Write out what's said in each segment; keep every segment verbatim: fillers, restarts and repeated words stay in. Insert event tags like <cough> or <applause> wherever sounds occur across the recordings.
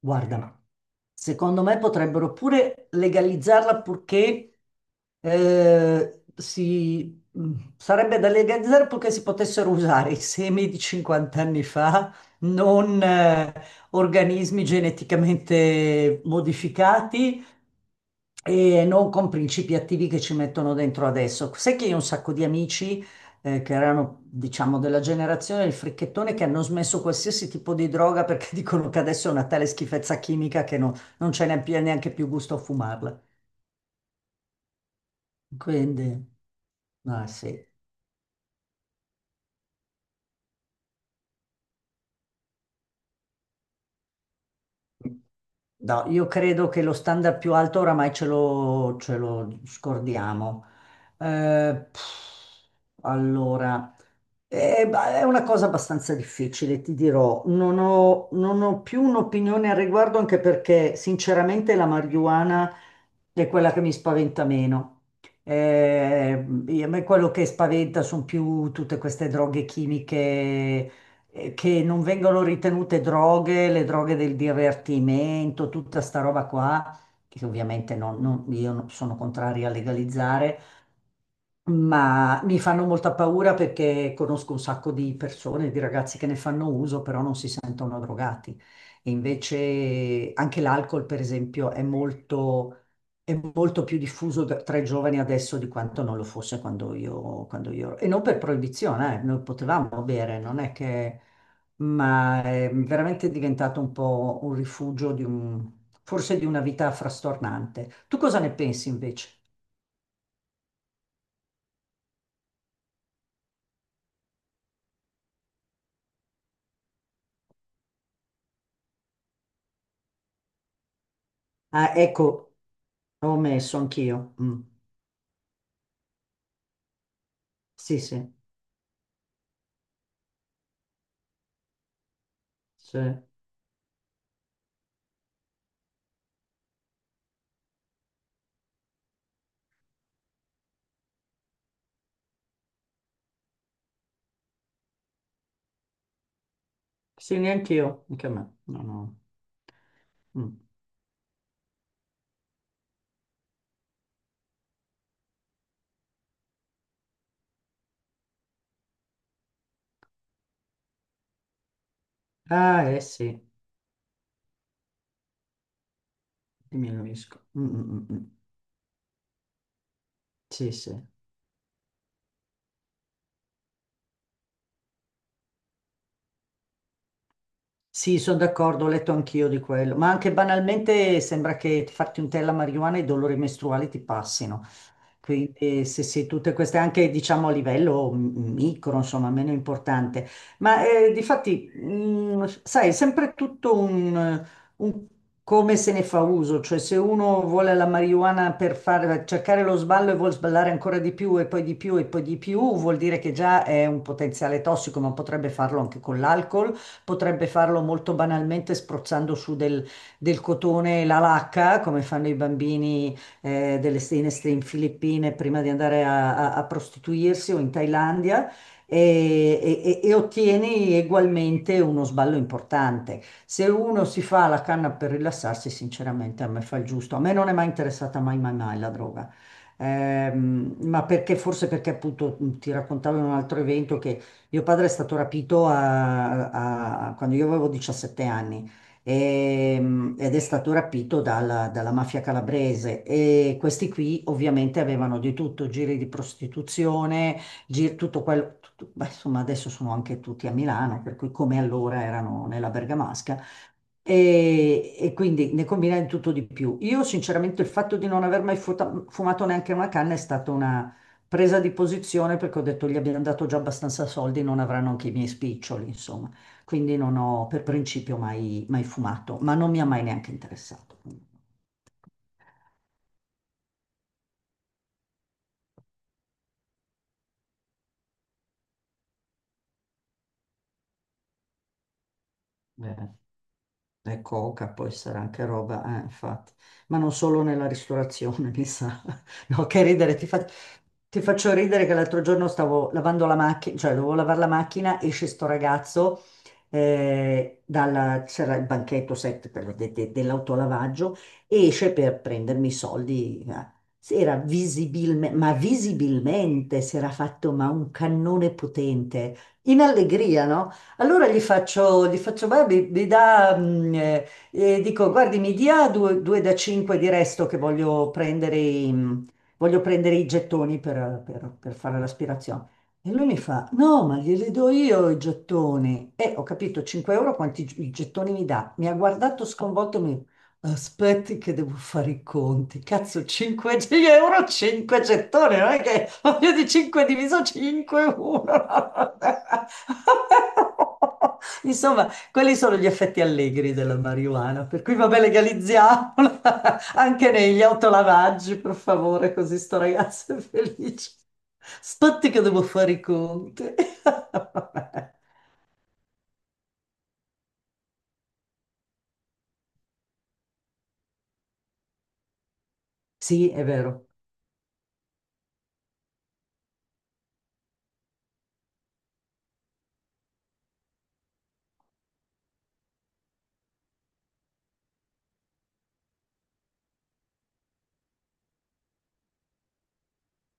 Guarda, ma secondo me potrebbero pure legalizzarla purché eh, si... mm, sarebbe da legalizzare purché si potessero usare i semi di cinquanta anni fa, non eh, organismi geneticamente modificati e non con principi attivi che ci mettono dentro adesso. Sai che io ho un sacco di amici eh, che erano, diciamo, della generazione del fricchettone che hanno smesso qualsiasi tipo di droga perché <laughs> dicono che adesso è una tale schifezza chimica che non non c'è neanche più neanche più gusto a fumarla. Quindi, ah sì. No, io credo che lo standard più alto oramai ce lo, ce lo scordiamo. Eh, pff, allora, eh, ba- è una cosa abbastanza difficile, ti dirò. Non ho, non ho più un'opinione al riguardo, anche perché sinceramente la marijuana è quella che mi spaventa meno. Eh, A me quello che spaventa sono più tutte queste droghe chimiche eh, che non vengono ritenute droghe, le droghe del divertimento, tutta sta roba qua, che ovviamente non- non- io non- sono contraria a legalizzare, ma mi fanno molta paura perché conosco un sacco di persone, di ragazzi che ne fanno uso, però non si sentono drogati. E invece anche l'alcol, per esempio, è molto, è molto più diffuso da- tra i giovani adesso di quanto non lo fosse quando io, quando io... E non per proibizione, eh, noi potevamo bere, non è che... Ma è veramente diventato un po' un rifugio di un... forse di una vita frastornante. Tu cosa ne pensi invece? Ah, ecco. Ho messo anch'io. Mm. Sì, sì, sì, sì, neanch'io, anche a me. No, no. Mm. Ah, eh sì, diminuisco. Mm, mm, mm, mm. Sì, sì. Sì, sono d'accordo, ho letto anch'io di quello, ma anche banalmente sembra che farti un tè alla marijuana e i dolori mestruali ti passino. Quindi sì, sì, tutte queste anche diciamo a livello m- micro, insomma, meno importante. Ma eh, difatti, mh, sai, è sempre tutto un, un come se ne fa uso, cioè se uno vuole la marijuana per fare, cercare lo sballo e vuol sballare ancora di più e poi di più e poi di più, vuol dire che già è un potenziale tossico, ma potrebbe farlo anche con l'alcol, potrebbe farlo molto banalmente spruzzando su del, del cotone la lacca, come fanno i bambini eh, delle, in, est- in Filippine prima di andare a, a- a prostituirsi o in Thailandia e, e- e e ottieni ugualmente uno sballo importante. Se uno si fa la canna per rilassarsi, sinceramente a me fa il giusto. A me non è mai interessata mai, mai, mai la droga. Ehm, ma perché forse perché appunto mm, ti raccontavo in un altro evento che mio padre è stato rapito a- a- quando io avevo diciassette anni ehm, ed è stato rapito dalla, dalla mafia calabrese. E questi qui ovviamente avevano di tutto, giri di prostituzione, giri, tutto quello, tutto- beh, insomma adesso sono anche tutti a Milano, per cui come allora erano nella Bergamasca. E, e quindi ne combina di tutto di più. Io sinceramente il fatto di non aver mai futa- fumato neanche una canna è stata una presa di posizione perché ho detto gli abbiamo dato già abbastanza soldi, non avranno anche i miei spiccioli, insomma. Quindi non ho per principio mai, mai fumato, ma non mi ha mai neanche interessato. Vabbè. E coca, poi sarà anche roba, eh, infatti, ma non solo nella ristorazione, mi sa. <laughs> No, che ridere, ti, fa- ti faccio ridere che l'altro giorno stavo lavando la macchina, cioè dovevo lavare la macchina, esce sto ragazzo, eh, dalla- c'era il banchetto set per- de- de- dell'autolavaggio, e esce per prendermi i soldi. eh. Si era visibilmente, ma visibilmente si era fatto ma un cannone potente, in allegria, no? Allora gli faccio, gli faccio "Beh, mi, mi dà, mm, eh, eh, dico, guardi, mi dia due, due da cinque di resto che voglio prendere, i- mm, voglio prendere i gettoni per, per- per fare l'aspirazione. E lui mi fa, no, ma glieli do io i gettoni. E ho capito, cinque euro quanti gi- i gettoni mi dà. Mi ha guardato sconvolto e mi. Aspetti che devo fare i conti. Cazzo, cinque <laughs> euro, cinque gettoni, non è che voglio di cinque diviso cinque, uno. <laughs> Insomma, quelli sono gli effetti allegri della marijuana, per cui vabbè, legalizziamola <laughs> anche negli autolavaggi, per favore, così sto ragazzo è felice. Aspetti che devo fare i conti. <laughs> Sì, è vero,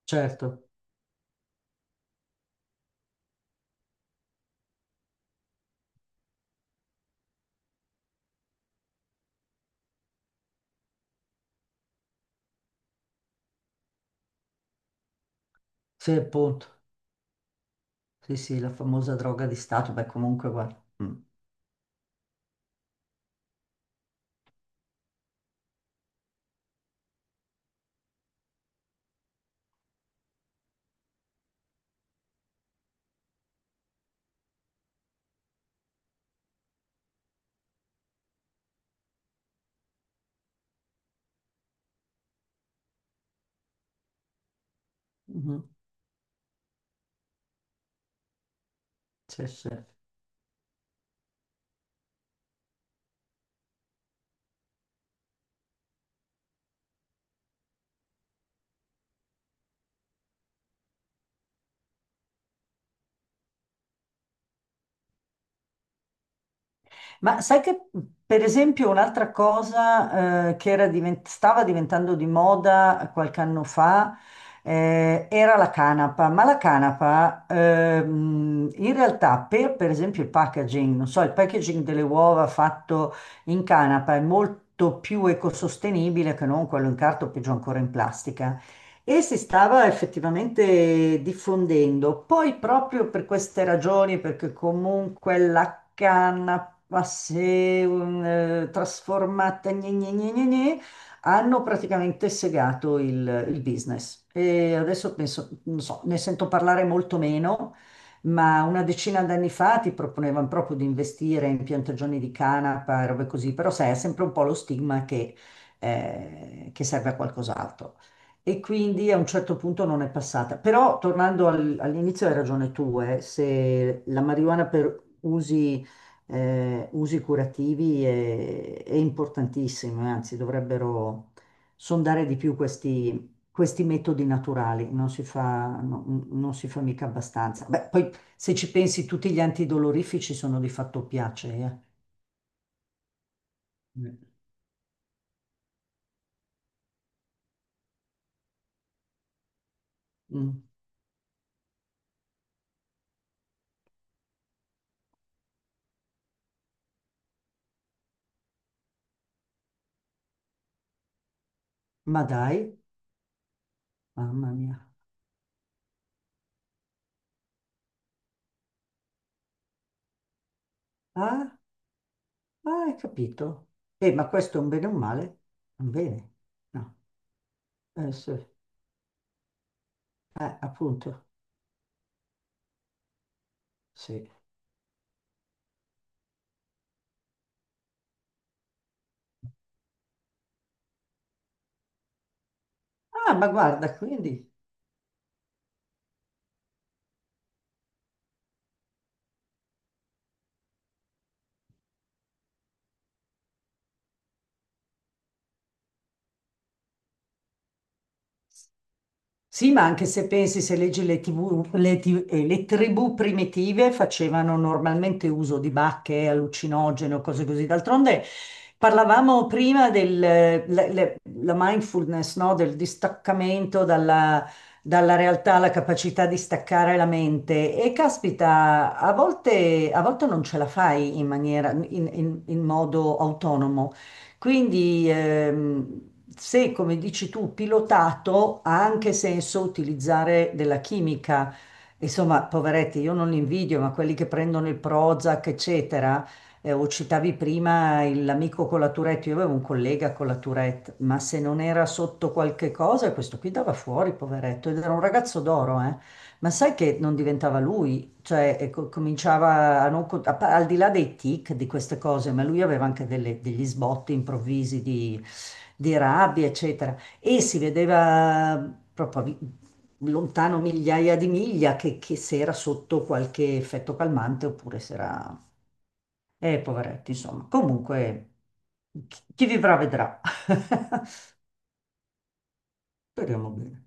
certo, sì, appunto. Sì, sì, la famosa droga di Stato, beh comunque guarda. Mm. Mhm. Sì, sì. Ma sai che, per esempio, un'altra cosa eh, che era divent- stava diventando di moda qualche anno fa eh, era la canapa, ma la canapa ehm, in realtà per, per esempio, il packaging, non so, il packaging delle uova fatto in canapa è molto più ecosostenibile che non quello in carta o peggio ancora in plastica. E si stava effettivamente diffondendo. Poi proprio per queste ragioni, perché comunque la canapa acqua, se um, eh, trasformata, gne, gne, gne, gne, gne, hanno praticamente segato il, il business. E adesso penso, non so, ne sento parlare molto meno, ma una decina d'anni fa ti proponevano proprio di investire in piantagioni di canapa e robe così, però sai, è sempre un po' lo stigma che, eh, che serve a qualcos'altro e quindi a un certo punto non è passata. Però tornando al- all'inizio hai ragione tu, eh, se la marijuana per usi eh, usi curativi è, è importantissimo, e anzi dovrebbero sondare di più questi, questi metodi naturali, non si fa, no- non si fa mica abbastanza. Beh, poi se ci pensi tutti gli antidolorifici sono di fatto piacee. eh. Mm. Ma dai, mamma mia. Ah, ah, hai capito? Eh, ma questo è un bene o un male? Un bene, no, eh, sì. Eh, appunto, sì. Ah, ma guarda, quindi... Sì, ma anche se pensi, se leggi le tivù, le, ti- eh, le tribù primitive facevano normalmente uso di bacche, allucinogene o cose così. D'altronde parlavamo prima della mindfulness, no? Del distaccamento dalla, dalla realtà, la capacità di staccare la mente. E caspita, a volte, a volte non ce la fai in maniera, in in- in modo autonomo. Quindi ehm, se, come dici tu, pilotato, ha anche senso utilizzare della chimica. Insomma, poveretti, io non li invidio, ma quelli che prendono il Prozac, eccetera, eh, o citavi prima il- l'amico con la Tourette, io avevo un collega con la Tourette, ma se non era sotto qualche cosa, questo qui dava fuori, poveretto, ed era un ragazzo d'oro, eh. Ma sai che non diventava lui, cioè eh, co- cominciava a non, con- a pa- al di là dei tic di queste cose, ma lui aveva anche delle- degli sbotti improvvisi di, di, rabbia, eccetera. E si vedeva proprio a vi- lontano migliaia di miglia che, che se era sotto qualche effetto calmante oppure se era... Eh, poveretti, insomma. Comunque, chi chi vivrà vedrà. <laughs> Speriamo bene.